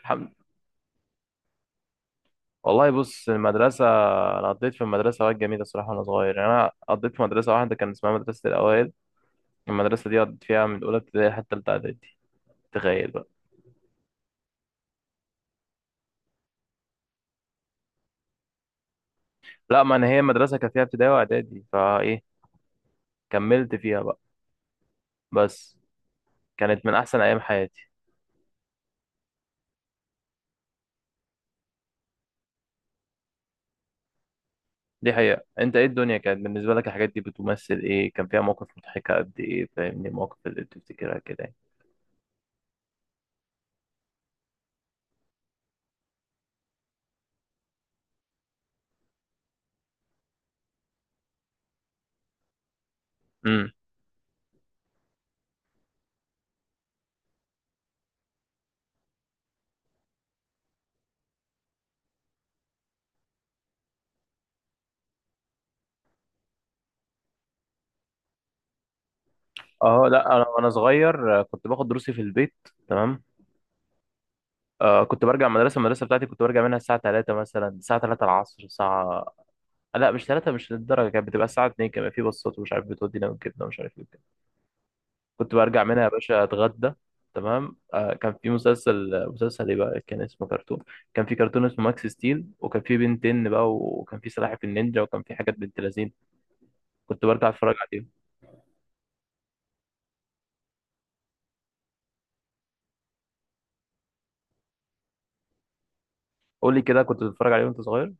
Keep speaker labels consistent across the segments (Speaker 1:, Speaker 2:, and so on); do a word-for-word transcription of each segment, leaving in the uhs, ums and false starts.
Speaker 1: الحمد، والله بص المدرسة، أنا قضيت في المدرسة أوقات جميلة الصراحة، وأنا صغير يعني أنا قضيت في مدرسة واحدة كان اسمها مدرسة الأوائل. المدرسة دي قضيت فيها من أولى ابتدائي حتى تالتة إعدادي، تخيل بقى. لا، ما أنا هي مدرسة كان فيها ابتدائي وإعدادي، فإيه كملت فيها بقى بس. كانت من أحسن أيام حياتي. دي حقيقة، أنت إيه الدنيا كانت بالنسبة لك؟ الحاجات دي بتمثل إيه؟ كان فيها مواقف مضحكة قد إيه؟ فاهمني، المواقف اللي بتفتكرها كده يعني. امم أه، لا أنا وأنا صغير آه، كنت باخد دروسي في البيت. تمام. آه كنت برجع مدرسة المدرسة بتاعتي، كنت برجع منها الساعة الثالثة مثلا، الساعة الثالثة العصر، الساعة لا مش الثالثة، مش للدرجة، كانت بتبقى الساعة اتنين، كمان في بصات ومش عارف بتودينا وكده ومش عارف ايه وكده. كنت برجع منها يا باشا اتغدى. تمام. آه كان في مسلسل مسلسل ايه بقى، كان اسمه كرتون. كان في كرتون اسمه ماكس ستيل، وكان في بنتين بقى، وكان في سلاحف النينجا، وكان في حاجات بنت لذين، كنت برجع اتفرج عليهم. قول لي كده، كنت بتتفرج عليهم وانت صغير؟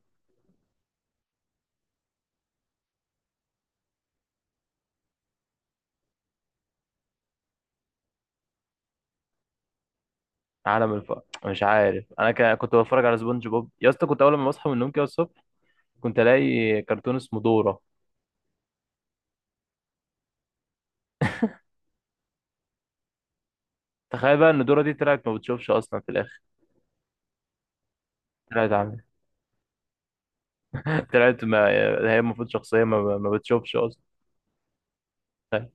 Speaker 1: عالم الف، مش عارف. انا ك- كنت بتفرج على سبونج بوب يا اسطى، كنت اول ما بصحى من النوم كده الصبح كنت الاقي كرتون اسمه دورة. تخيل بقى ان دورة دي طلعت ما بتشوفش اصلا في الاخر. طلعت عامل طلعت، ما هي المفروض شخصية، ما, ما بتشوفش اصلا. تخيل.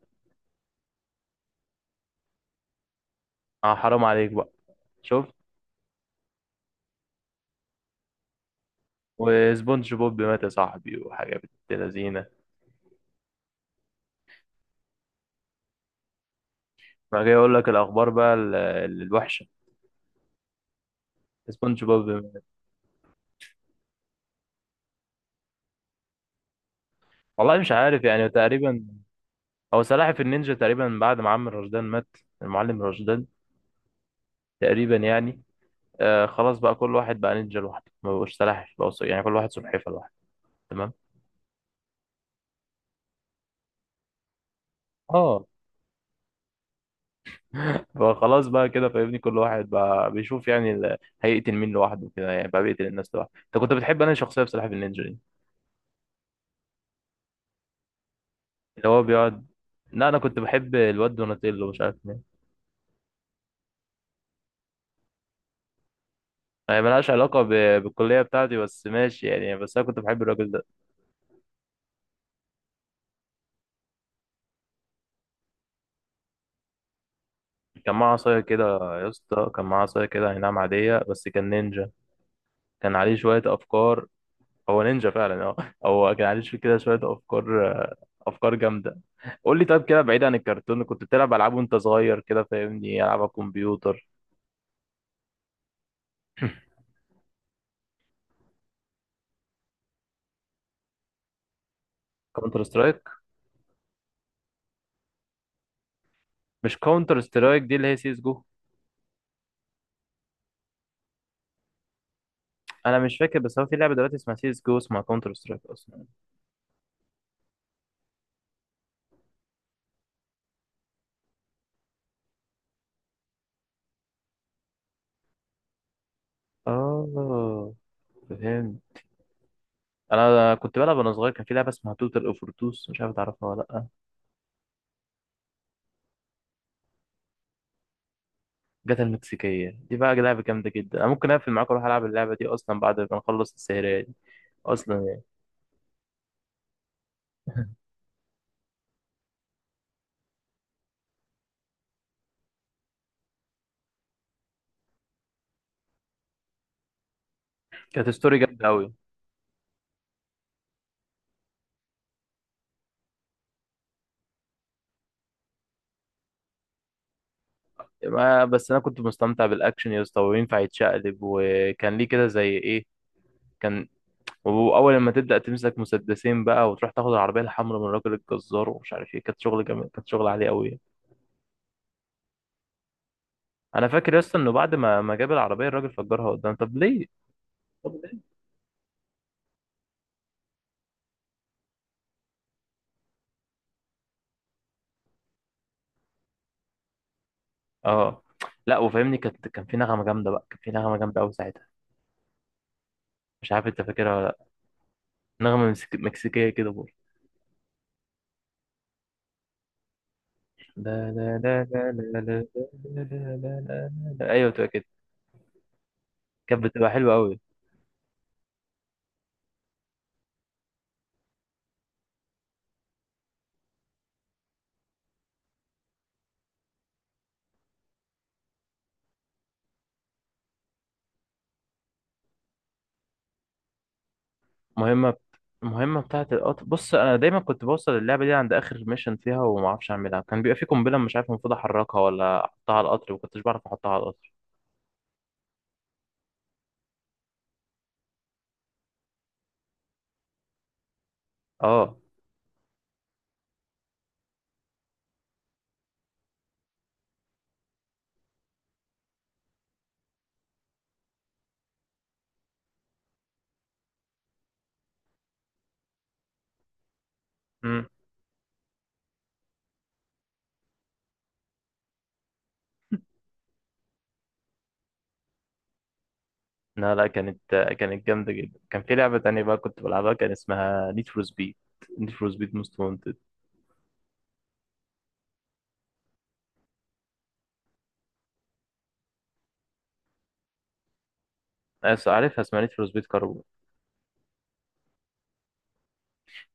Speaker 1: اه، حرام عليك بقى. شفت؟ وسبونج بوب مات يا صاحبي، وحاجة بنت لذينة. ما جاي اقول لك الاخبار بقى ال- ال- الوحشة. سبونج بوب مات. والله مش عارف يعني، تقريبا. هو سلاحف النينجا تقريبا بعد ما عم رشدان مات، المعلم رشدان، تقريبا يعني. آه، خلاص بقى، كل واحد بقى نينجا لوحده، ما بقوش سلاحف بقى يعني، كل واحد سلحفة لوحده. تمام. اه، فخلاص بقى كده فاهمني، كل واحد بقى بيشوف يعني ال- هيقتل مين لوحده كده يعني، بقى بيقتل الناس لوحده. انت كنت بتحب انا شخصيه بصراحه في النينجا دي اللي هو بيقعد؟ لا، انا كنت بحب الواد دوناتيلو، مش عارف مين. هي ملهاش علاقه ب... بالكليه بتاعتي، بس ماشي يعني، بس انا كنت بحب الراجل ده. كان معاه عصايه كده. يا اسطى كان معاه عصايه كده، هي نعم عاديه، بس كان نينجا، كان عليه شويه افكار. هو نينجا فعلا، اه. هو كان عليه شوية كده، شوية أفكار آه، أفكار جامدة. قول لي طيب، كده بعيد عن الكرتون، كنت بتلعب ألعاب وأنت صغير؟ كده فاهمني، ألعاب على الكمبيوتر. كاونتر سترايك. مش كاونتر سترايك دي، اللي هي سيس جو. أنا مش فاكر، بس هو في لعبة دلوقتي اسمها سيس جو، اسمها كاونتر سترايك أصلا. آه، فهمت. أنا كنت بلعب وأنا صغير كان في لعبة اسمها توتال أوفرتوس، مش عارف تعرفها ولا لأ. جاتا المكسيكية دي بقى لعبة جامدة جدا، أنا ممكن أقفل معاك وأروح ألعب اللعبة دي أصلا بعد ما نخلص السهرية دي، أصلا يعني. كانت ستوري جامدة أوي. ما بس انا كنت مستمتع بالاكشن يا اسطى، وينفع يتشقلب وكان ليه كده زي ايه. كان، واول لما تبدا تمسك مسدسين بقى وتروح تاخد العربيه الحمراء من الراجل الجزار ومش عارف ايه، كانت شغل جميل، كانت شغل عالي قوي. انا فاكر يا اسطى انه بعد ما ما جاب العربيه الراجل فجرها قدام، طب ليه؟ اه لا، وفاهمني كانت كان في نغمه جامده بقى، كان في نغمه جامده قوي ساعتها. مش عارف انت فاكرها ولا لا. نغمه مكسيك- مكسيكيه كده برضه. لا لا لا لا لا لا لا لا لا لا لا لا. ايوه بتبقى كده. كانت بتبقى حلوه قوي. مهمة، المهمة بتاعة القطر، بص أنا دايما كنت بوصل اللعبة دي عند آخر ميشن فيها وما أعرفش أعملها، كان بيبقى في قنبلة مش عارف المفروض أحركها ولا أحطها على القطر، وكنتش بعرف أحطها على القطر. أه. أمم لا لا، كانت كانت جامدة جدا. كان في لعبة تانية بقى كنت بلعبها، كان اسمها نيد فور سبيد، نيد فور سبيد موست وانتد. عارفها، اسمها نيد فور سبيد كاربون.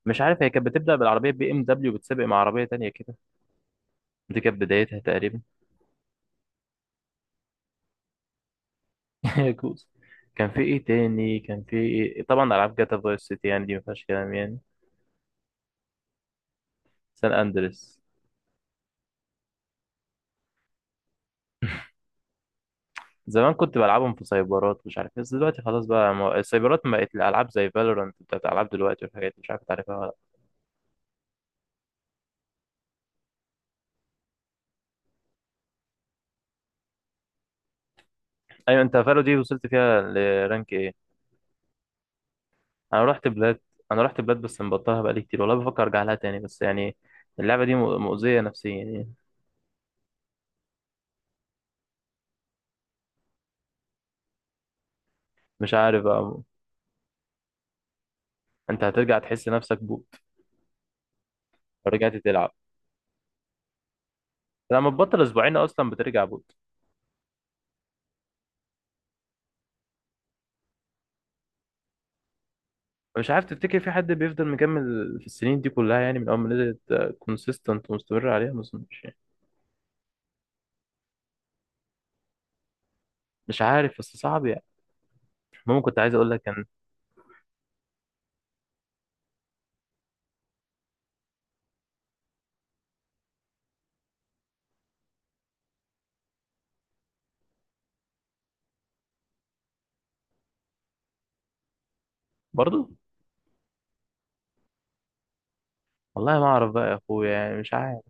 Speaker 1: مش عارف، هي كانت بتبدأ بالعربية بي إم دبليو بتسابق مع عربية تانية كده، دي كانت بدايتها تقريبا. يا كوز، كان في إيه تاني؟ كان في إيه؟ طبعا ألعاب جاتا فايس سيتي يعني، دي ما فيهاش كلام يعني. سان اندريس. زمان كنت بلعبهم في سايبرات، مش عارف إيه، بس دلوقتي خلاص بقى ما... السايبرات ما بقت، الالعاب زي فالورانت بتاعت العاب دلوقتي والحاجات دي، مش عارف تعرفها ولا لأ. ايوه، انت فالو دي وصلت فيها لرانك ايه؟ انا رحت بلاد انا رحت بلاد بس مبطلها بقالي كتير، والله بفكر ارجع لها تاني، بس يعني اللعبه دي مؤ- مؤذيه نفسيا يعني. مش عارف بقى. انت هترجع تحس نفسك بوت لو رجعت تلعب. لما تبطل اسبوعين اصلا بترجع بوت. مش عارف، تفتكر في حد بيفضل مكمل في السنين دي كلها يعني، من اول ما نزلت كونسيستنت ومستمر عليها؟ ما اظنش. مش عارف، بس صعب يعني. المهم كنت عايز اقول لك ان، برضو، والله ما اعرف بقى يا اخويا يعني، مش عارف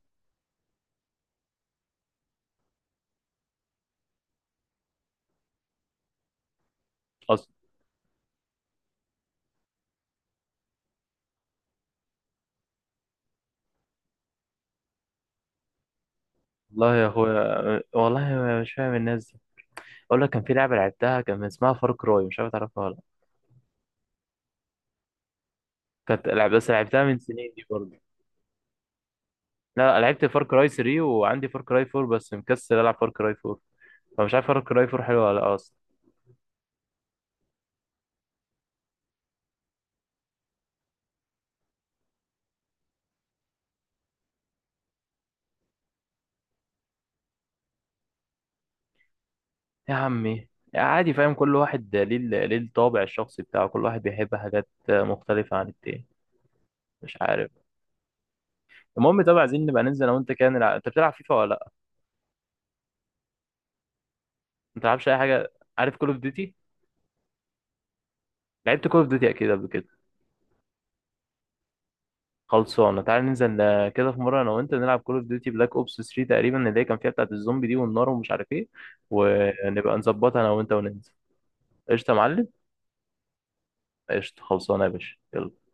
Speaker 1: اصلا. والله يا اخويا، والله ما- مش فاهم الناس دي. اقول لك، كان في لعبه لعبتها كان اسمها فار كراي، مش عارف تعرفها ولا لأ. كانت لعب بس لعبتها من سنين دي برضه. لا، لعبت فار كراي تلاته، وعندي فار كراي أربعة بس مكسل العب فار كراي أربعة. فمش عارف فار كراي أربعة حلوه ولا لأ اصلا. يا عمي، عادي، فاهم كل واحد ليه ال- ليه الطابع الشخصي بتاعه، كل واحد بيحب حاجات مختلفه عن التاني. مش عارف. المهم، طبعا عايزين نبقى ننزل انا وانت كده نلعب، انت بتلعب فيفا ولا؟ ما تلعبش اي حاجه، عارف كول اوف ديوتي؟ لعبت كول اوف ديوتي اكيد قبل كده. خلصانه، تعال ننزل آه، كده في مره انا وانت نلعب كول اوف ديوتي بلاك اوبس تلاته تقريبا، اللي هي كان فيها بتاعه الزومبي دي والنار ومش عارف ايه، ونبقى نظبطها انا وانت وننزل. قشطه يا معلم. قشطه خلصانه يا باشا، يلا.